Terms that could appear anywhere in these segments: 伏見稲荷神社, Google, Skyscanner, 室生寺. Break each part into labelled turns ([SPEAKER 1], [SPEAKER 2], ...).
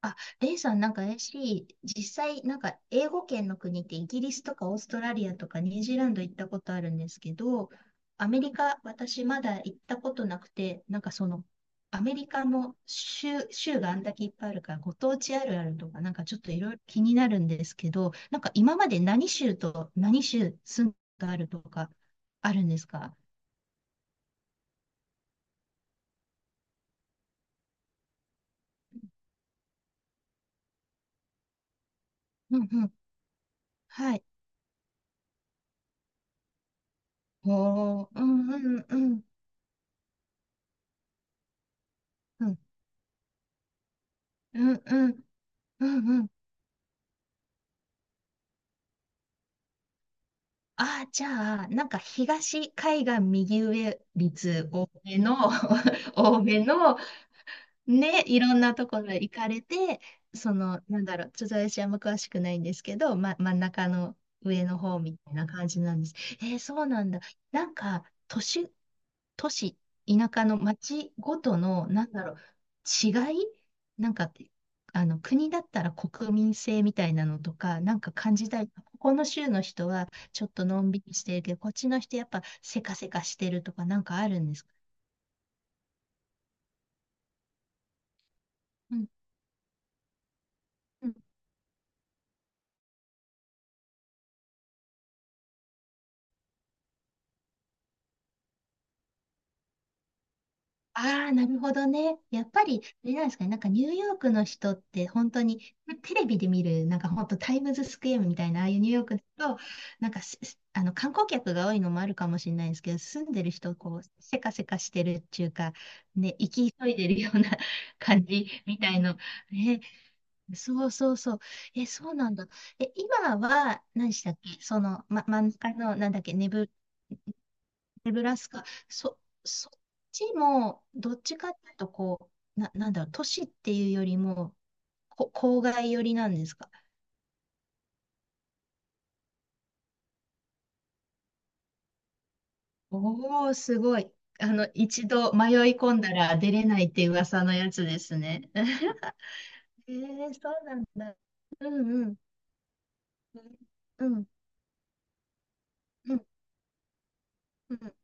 [SPEAKER 1] あ、レイさん、なんか 実際、なんか英語圏の国ってイギリスとかオーストラリアとかニュージーランド行ったことあるんですけど、アメリカ、私まだ行ったことなくて、なんかその、アメリカの州があんだけいっぱいあるから、ご当地あるあるとか、なんかちょっといろいろ気になるんですけど、なんか今まで何州と何州住んだあるとか、あるんですか？うんうん。はい。おー、うんうんうん。うんうんうん。うんうん。ああ、じゃあ、なんか東海岸右上率多めの、多めの。ね、いろんなところへ行かれて、その、なんだろう、ちょっと私あんま詳しくないんですけど、真ん中の上の方みたいな感じなんです。えーそうなんだ。なんか、都市、田舎の町ごとの、なんだろう、違い。なんか、あの、国だったら国民性みたいなのとか、なんか感じたい。ここの州の人はちょっとのんびりしてるけど、こっちの人やっぱせかせかしてるとか、なんかあるんですか？うん。ああ、なるほどね。やっぱり、あれなんですかね。なんかニューヨークの人って本当に、テレビで見る、なんか本当タイムズスクエアみたいな、ああいうニューヨークだと、なんかし、あの観光客が多いのもあるかもしれないんですけど、住んでる人、こう、せかせかしてるっていうか、ね、生き急いでるような 感じみたいの。ね、そうそうそう。え、そうなんだ。え、今は、何でしたっけその、ま、真ん中の、なんだっけ、ネブラスカ、そっちも、どっちかっていうと、こう、なんだろう、都市っていうよりも、郊外寄りなんですか？おお、すごい。あの、一度迷い込んだら出れないって噂のやつですね。えー、そうなんだ。うんうん。うんうんうん。うん。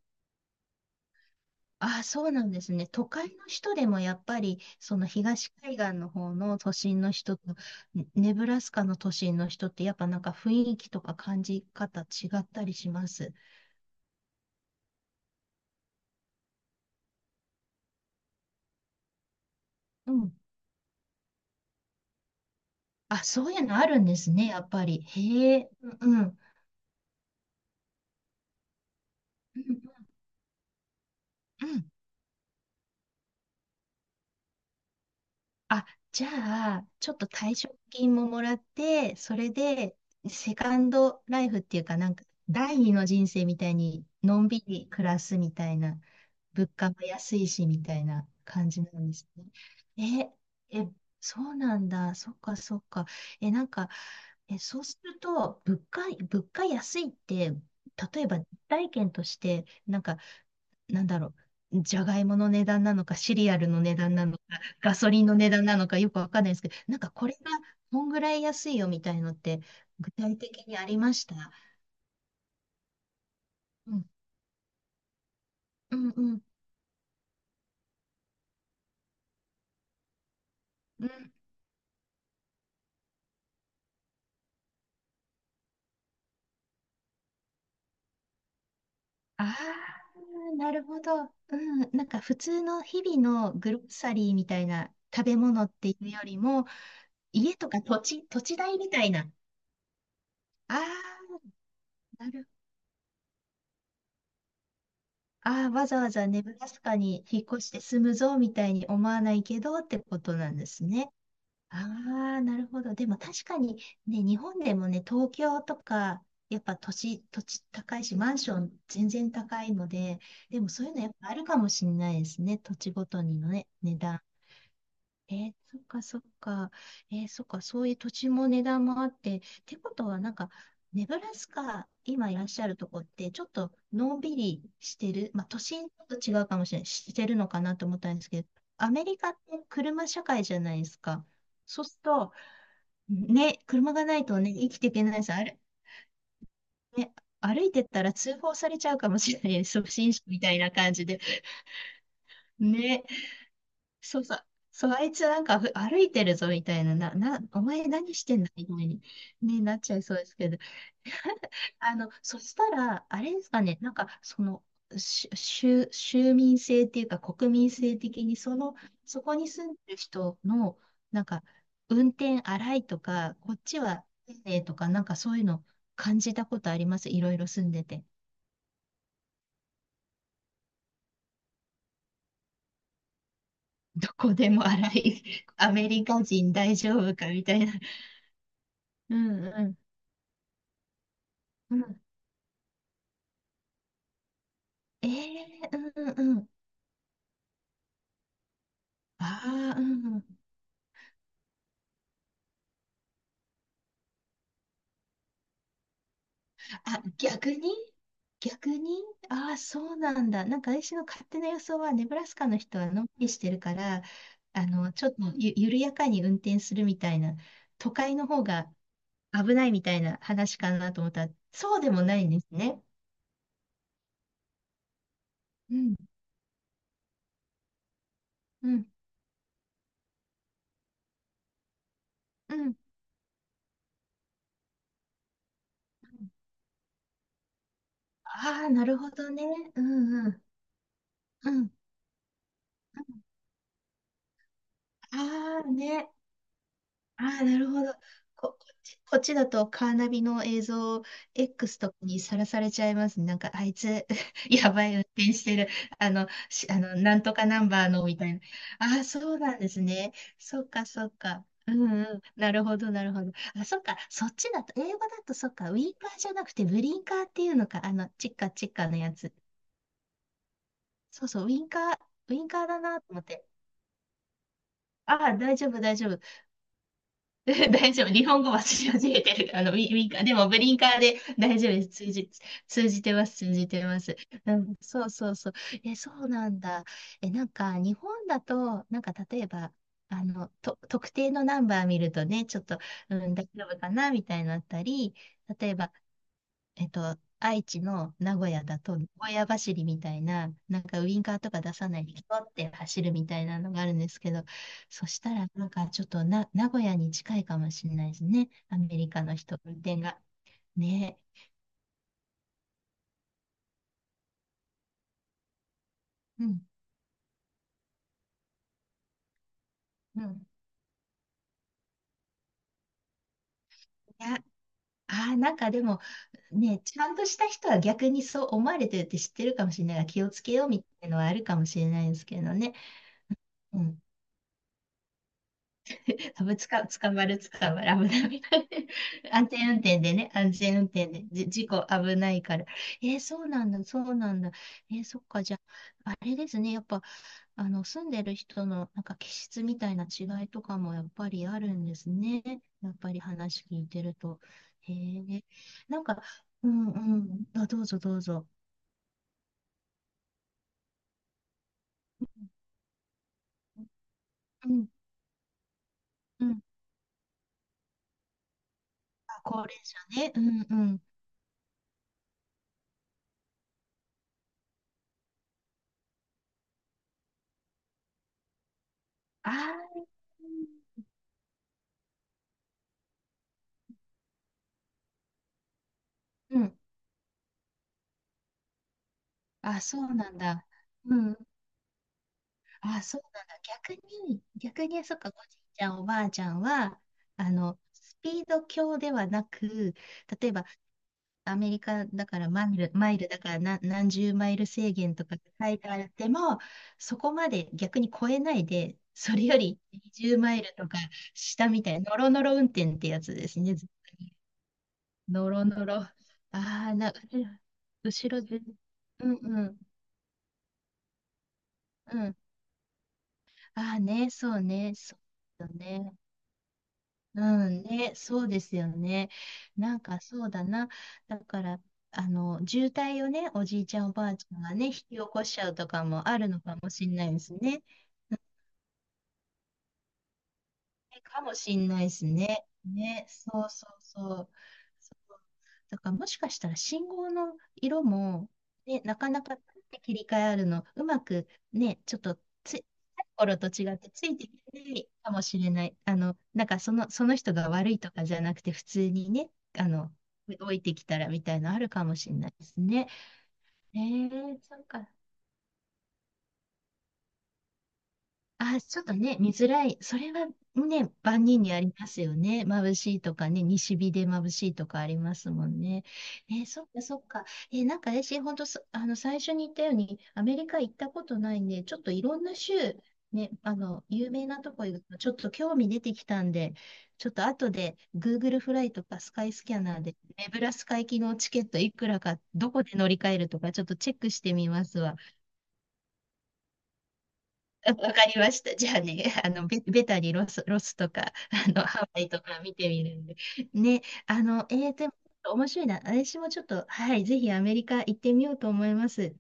[SPEAKER 1] ああ、そうなんですね。都会の人でもやっぱり、その東海岸の方の都心の人と、ね、ネブラスカの都心の人って、やっぱなんか雰囲気とか感じ方違ったりします？うん。あ、そういうのあるんですね、やっぱり。へえ、うん、うん、うん、うん。あ、じゃあ、ちょっと退職金ももらって、それで、セカンドライフっていうか、なんか、第二の人生みたいに、のんびり暮らすみたいな、物価も安いし、みたいな感じなんですね。え、え、そうなんだ。そっか、そっか。え、なんか、え、そうすると、物価安いって、例えば、体験として、なんか、なんだろう、じゃがいもの値段なのか、シリアルの値段なのか、ガソリンの値段なのか、よくわかんないですけど、なんかこれがこんぐらい安いよみたいのって、具体的にありました？うん、うん、うん、うん。ああ、なるほど。うん、なんか普通の日々のグロッサリーみたいな食べ物っていうよりも、家とか土地、土地代みたいな。ああ、なるああ、わざわざネブラスカに引っ越して住むぞみたいに思わないけどってことなんですね。ああ、なるほど。でも確かにね、日本でもね、東京とか、やっぱ土地土地高いし、マンション全然高いので、でもそういうのやっぱあるかもしれないですね。土地ごとにのね、値段。えーそっかそっか。えーそっか、そういう土地も値段もあって、ってことはなんか、ネブラスカ、今いらっしゃるとこって、ちょっとのんびりしてる、まあ都心と違うかもしれない、してるのかなと思ったんですけど、アメリカって車社会じゃないですか。そうすると、ね、車がないとね、生きていけないし、あれ、ね、歩いてったら通報されちゃうかもしれない。初心者みたいな感じで。ね、そうさ、そう、あいつなんか歩いてるぞみたいな、お前何してんだみたいに、ね、なっちゃいそうですけど。あの、そしたら、あれですかね、なんか、その、州民性っていうか、国民性的に、その、そこに住んでる人の、なんか、運転荒いとか、こっちは丁寧とか、なんかそういうの感じたことあります？いろいろ住んでて。どこでも荒い、アメリカ人大丈夫かみたいな。うんうん。うん。ええ。うんうん。ああ、うん。あ、逆に、ああー、そうなんだ。なんか私の勝手な予想は、ネブラスカの人はのんびりしてるから、あの、ちょっと緩やかに運転するみたいな、都会の方が危ないみたいな話かなと思ったら、そうでもないんですね。うん、うん、うん。ああ、なるほどね。うん、うん、うん。ああ、ね。ああ、なるほど。こっちだとカーナビの映像 X とかにさらされちゃいますね。なんか、あいつ、やばい運転してる。あの、あの、なんとかナンバーの、みたいな。ああ、そうなんですね。そっか、そっか。うんうん。なるほど、なるほど。あ、そっか。そっちだと、英語だとそっか。ウィンカーじゃなくて、ブリンカーっていうのか。あの、チッカチッカのやつ。そうそう、ウィンカーだなと思って。ああ、大丈夫、大丈夫。大丈夫。日本語は知り始めてる。あの、ウィンカー。でも、ブリンカーで大丈夫です。通じてます。通じてます。うん、そうそうそう。え、そうなんだ。え、なんか、日本だと、なんか、例えば、あの、特定のナンバー見るとね、ちょっと、うん、大丈夫かな、みたいになったり、例えば、愛知の名古屋だと、名古屋走りみたいな、なんかウインカーとか出さないで、ひょって走るみたいなのがあるんですけど、そしたら、なんかちょっと名古屋に近いかもしれないですね。アメリカの人、運転が。ね。うん。うん。いや、あー、なんかでも、ね、ちゃんとした人は逆にそう思われてるって知ってるかもしれないから、気をつけようみたいなのはあるかもしれないですけどね。うん。多分つか、捕まる、捕まる、危ない、みたいな。安全運転でね、安全運転で、事故危ないから。えーそうなんだ、そうなんだ。えーそっか、じゃあ、あれですね、やっぱ、あの、住んでる人の、なんか、気質みたいな違いとかも、やっぱりあるんですね。やっぱり話聞いてると。へえ、なんか、うんうん、あ、どうぞどうぞ。うんうん。あ、高齢者ね。うんうん。ああ、うん。あ、そうなんだ。うん。あ、そうなんだ。逆に、そっか、おじいちゃん、おばあちゃんは、あの、スピード強ではなく、例えば、アメリカだからマイルだから何十マイル制限とか書いてあっても、そこまで逆に超えないで、それより20マイルとか下みたいな、ノロノロ運転ってやつですね。ずっとね、ノロノロ。ああ、後ろで。うんうん。うん。ああね、そうね、そうだね。うんね、そうですよね。なんかそうだな。だから、あの、渋滞をね、おじいちゃんおばあちゃんがね、引き起こしちゃうとかもあるのかもしれないですね。かもしんないですね。ね、そうそうそう。そうだからもしかしたら信号の色も、ね、なかなかパッて切り替えあるの、うまくね、ちょっとつい、頃と違ってついてきてないかもしれない。あの、なんかその人が悪いとかじゃなくて、普通にね、あの、動いてきたらみたいなのあるかもしれないですね。えー、そうか。あ、ちょっとね、見づらい。それはね、万人にありますよね。眩しいとかね、西日で眩しいとかありますもんね。えーそっかそっか。えーなんか私、本当あの、最初に言ったように、アメリカ行ったことないんで、ちょっといろんな州、ね、あの、有名なとこ行くと、ちょっと興味出てきたんで、ちょっと後で Google フライとかスカイスキャナーで、ネブラスカ行きのチケットいくらか、どこで乗り換えるとか、ちょっとチェックしてみますわ。わかりました。じゃあね、あの、ベタにロスとか、あの、ハワイとか見てみるんで。ね、あの、でも、面白いな。私もちょっと、はい、ぜひアメリカ行ってみようと思います。